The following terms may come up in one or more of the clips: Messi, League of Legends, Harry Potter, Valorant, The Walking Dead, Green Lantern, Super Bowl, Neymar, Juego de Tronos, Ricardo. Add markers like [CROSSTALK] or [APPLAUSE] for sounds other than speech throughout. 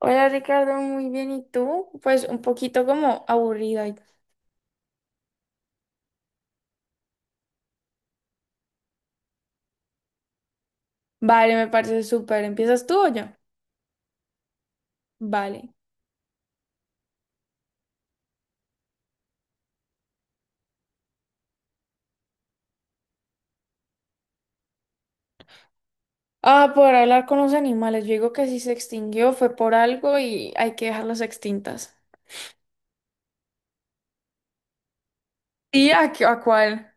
Hola Ricardo, muy bien. ¿Y tú? Pues un poquito como aburrido hoy. Vale, me parece súper. ¿Empiezas tú o yo? Vale. Ah, por hablar con los animales. Yo digo que si se extinguió fue por algo y hay que dejarlos extintas. ¿Y a, qué- a cuál?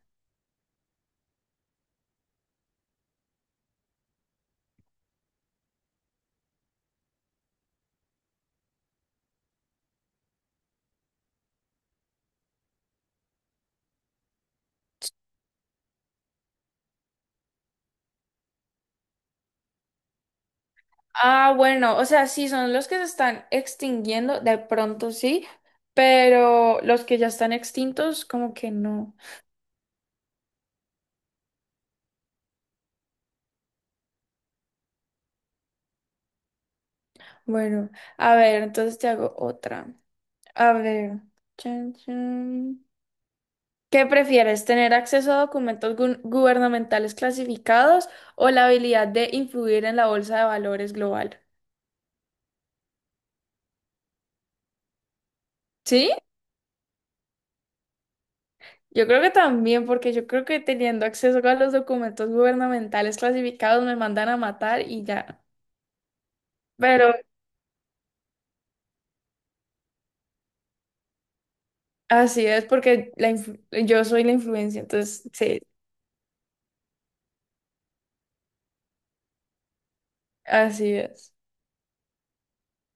Ah, bueno, o sea, sí, son los que se están extinguiendo, de pronto sí, pero los que ya están extintos, como que no. Bueno, a ver, entonces te hago otra. A ver. Chan, chan. ¿Qué prefieres, tener acceso a documentos gu- gubernamentales clasificados o la habilidad de influir en la bolsa de valores global? ¿Sí? Yo creo que también, porque yo creo que teniendo acceso a los documentos gubernamentales clasificados me mandan a matar y ya. Pero así es, porque la influ- yo soy la influencia, entonces sí, así es.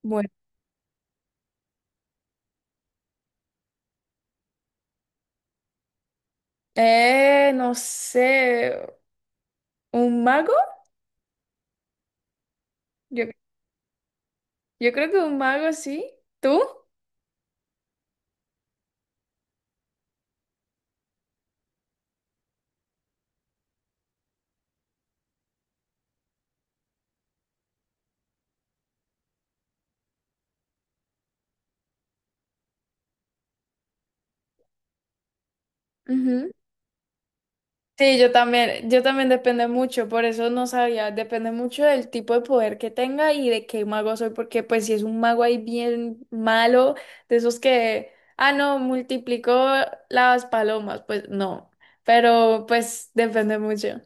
Bueno, no sé, ¿un mago? Yo, yo creo que un mago, sí. ¿Tú? Sí, yo también depende mucho, por eso no sabía, depende mucho del tipo de poder que tenga y de qué mago soy, porque pues si es un mago ahí bien malo, de esos que, ah, no, multiplicó las palomas, pues no, pero pues depende mucho.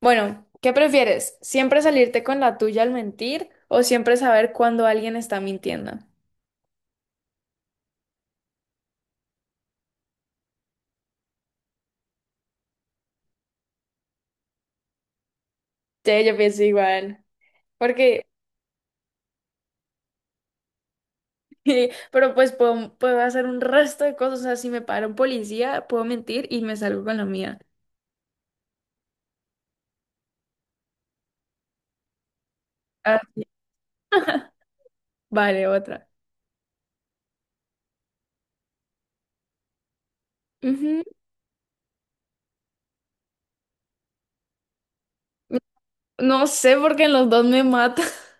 Bueno, ¿qué prefieres? ¿Siempre salirte con la tuya al mentir o siempre saber cuándo alguien está mintiendo? Sí, yo pienso igual, porque [LAUGHS] Pero pues puedo hacer un resto de cosas. O sea, si me para un policía, puedo mentir y me salgo con la mía. Ah, sí. Vale, otra. Ujú. No sé porque en los dos me matan. [LAUGHS]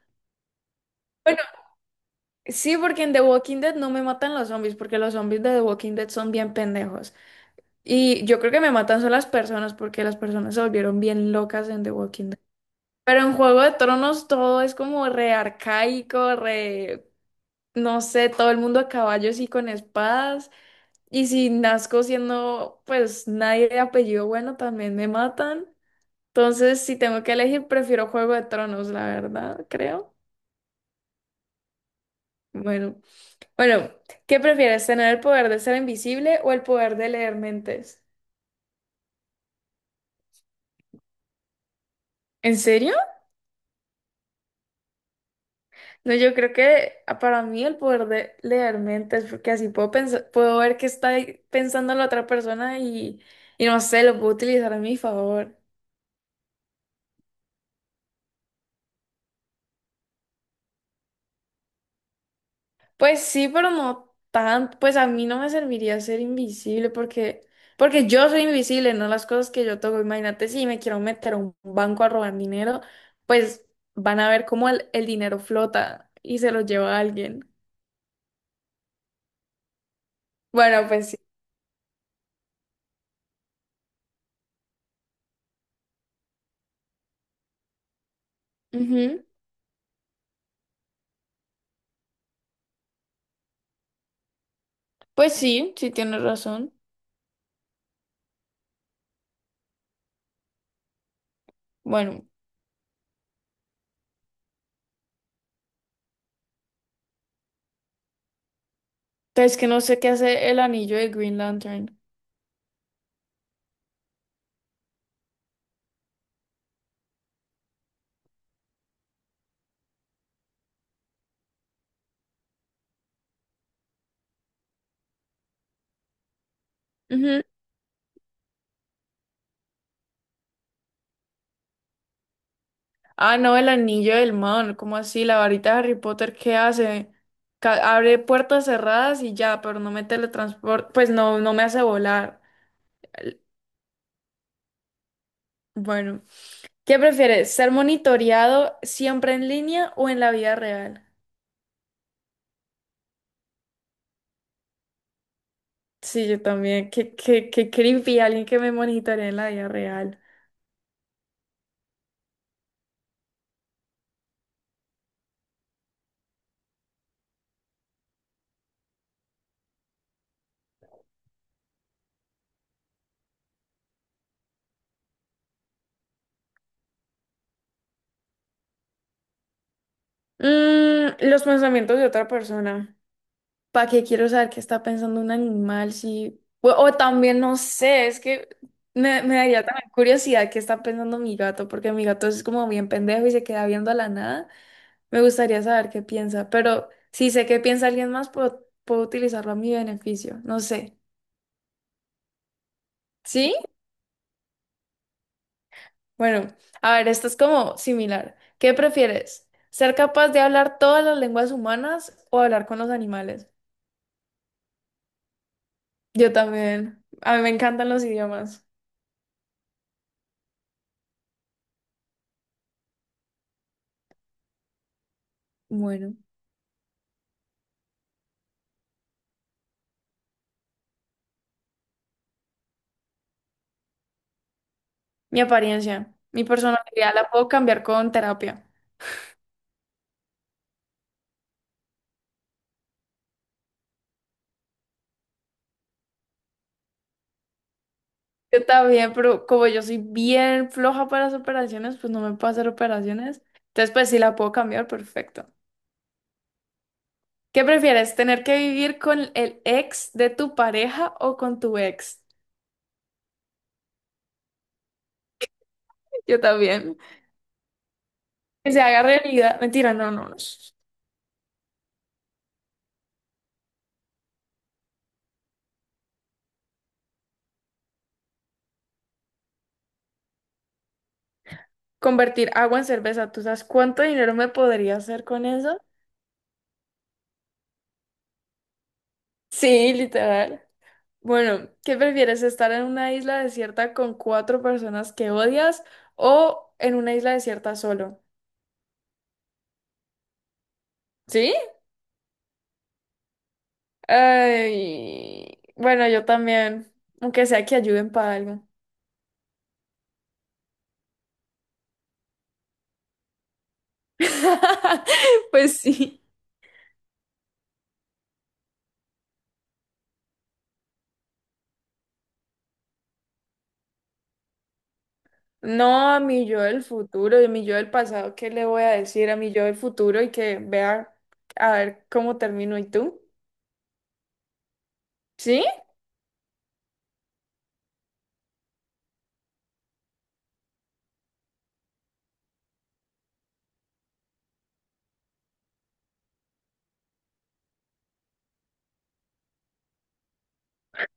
Bueno, sí, porque en The Walking Dead no me matan los zombies, porque los zombies de The Walking Dead son bien pendejos. Y yo creo que me matan son las personas, porque las personas se volvieron bien locas en The Walking Dead. Pero en Juego de Tronos todo es como re arcaico, re... no sé, todo el mundo a caballos y con espadas. Y si nazco siendo pues nadie de apellido bueno, también me matan. Entonces, si tengo que elegir, prefiero Juego de Tronos, la verdad, creo. Bueno, bueno, ¿qué prefieres? ¿Tener el poder de ser invisible o el poder de leer mentes? ¿En serio? No, yo creo que ah, para mí el poder de leer mentes, porque así puedo pensar, puedo ver qué está ahí pensando la otra persona y no sé, lo puedo utilizar a mi favor. Pues sí, pero no tan, pues a mí no me serviría ser invisible porque, porque yo soy invisible, no las cosas que yo toco. Imagínate si me quiero meter a un banco a robar dinero, pues van a ver cómo el dinero flota y se lo lleva a alguien. Bueno, pues sí. Ujú. Pues sí, sí tienes razón. Bueno, es que no sé qué hace el anillo de Green Lantern. Ujú. Ah, no, el anillo del man, ¿cómo así? La varita de Harry Potter, ¿qué hace? Ca- abre puertas cerradas y ya, pero no me teletransporta, pues no, no me hace volar. El- Bueno, ¿qué prefieres? ¿Ser monitoreado siempre en línea o en la vida real? Sí, yo también. Qué, qué, qué creepy alguien que me monitoree en la vida real. Mm, los pensamientos de otra persona. ¿Para qué quiero saber qué está pensando un animal? Si... O, o también, no sé, es que me daría también curiosidad qué está pensando mi gato, porque mi gato es como bien pendejo y se queda viendo a la nada. Me gustaría saber qué piensa, pero si sé qué piensa alguien más, puedo utilizarlo a mi beneficio, no sé. ¿Sí? Bueno, a ver, esto es como similar. ¿Qué prefieres? ¿Ser capaz de hablar todas las lenguas humanas o hablar con los animales? Yo también. A mí me encantan los idiomas. Bueno. Mi apariencia, mi personalidad la puedo cambiar con terapia. Yo también, pero como yo soy bien floja para las operaciones, pues no me puedo hacer operaciones. Entonces, pues sí la puedo cambiar, perfecto. ¿Qué prefieres, tener que vivir con el ex de tu pareja o con tu ex? Yo también. Que se haga realidad. Mentira, no, no. no. Convertir agua en cerveza. ¿Tú sabes cuánto dinero me podría hacer con eso? Sí, literal. Bueno, ¿qué prefieres? ¿Estar en una isla desierta con cuatro personas que odias o en una isla desierta solo? ¿Sí? Ay, bueno, yo también, aunque sea que ayuden para algo. [LAUGHS] Pues sí. No a mi yo del futuro, a mi yo del pasado, ¿qué le voy a decir a mi yo del futuro y que vea a ver cómo termino y tú? ¿Sí?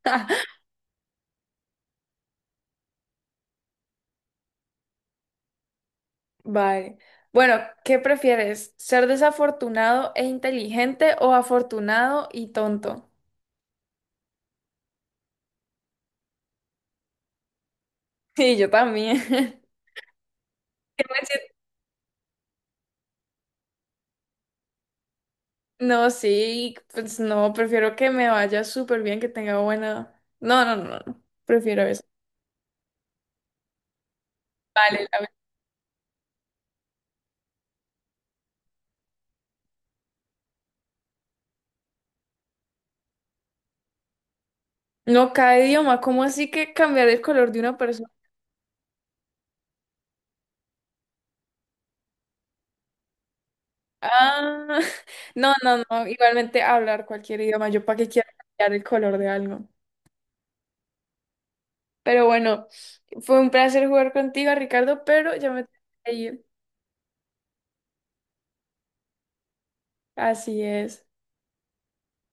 [LAUGHS] Vale. Bueno, ¿qué prefieres? ¿Ser desafortunado e inteligente o afortunado y tonto? [LAUGHS] Sí, yo también. [LAUGHS] ¿Qué me sien- No, sí, pues no, prefiero que me vaya súper bien, que tenga buena... No, no, no, no, prefiero eso. Vale, la... No, cada idioma, ¿cómo así que cambiar el color de una persona? Ah, [LAUGHS] no, no, no, igualmente hablar cualquier idioma, yo para qué quiero cambiar el color de algo. Pero bueno, fue un placer jugar contigo, Ricardo, pero ya me tengo que ir. Así es.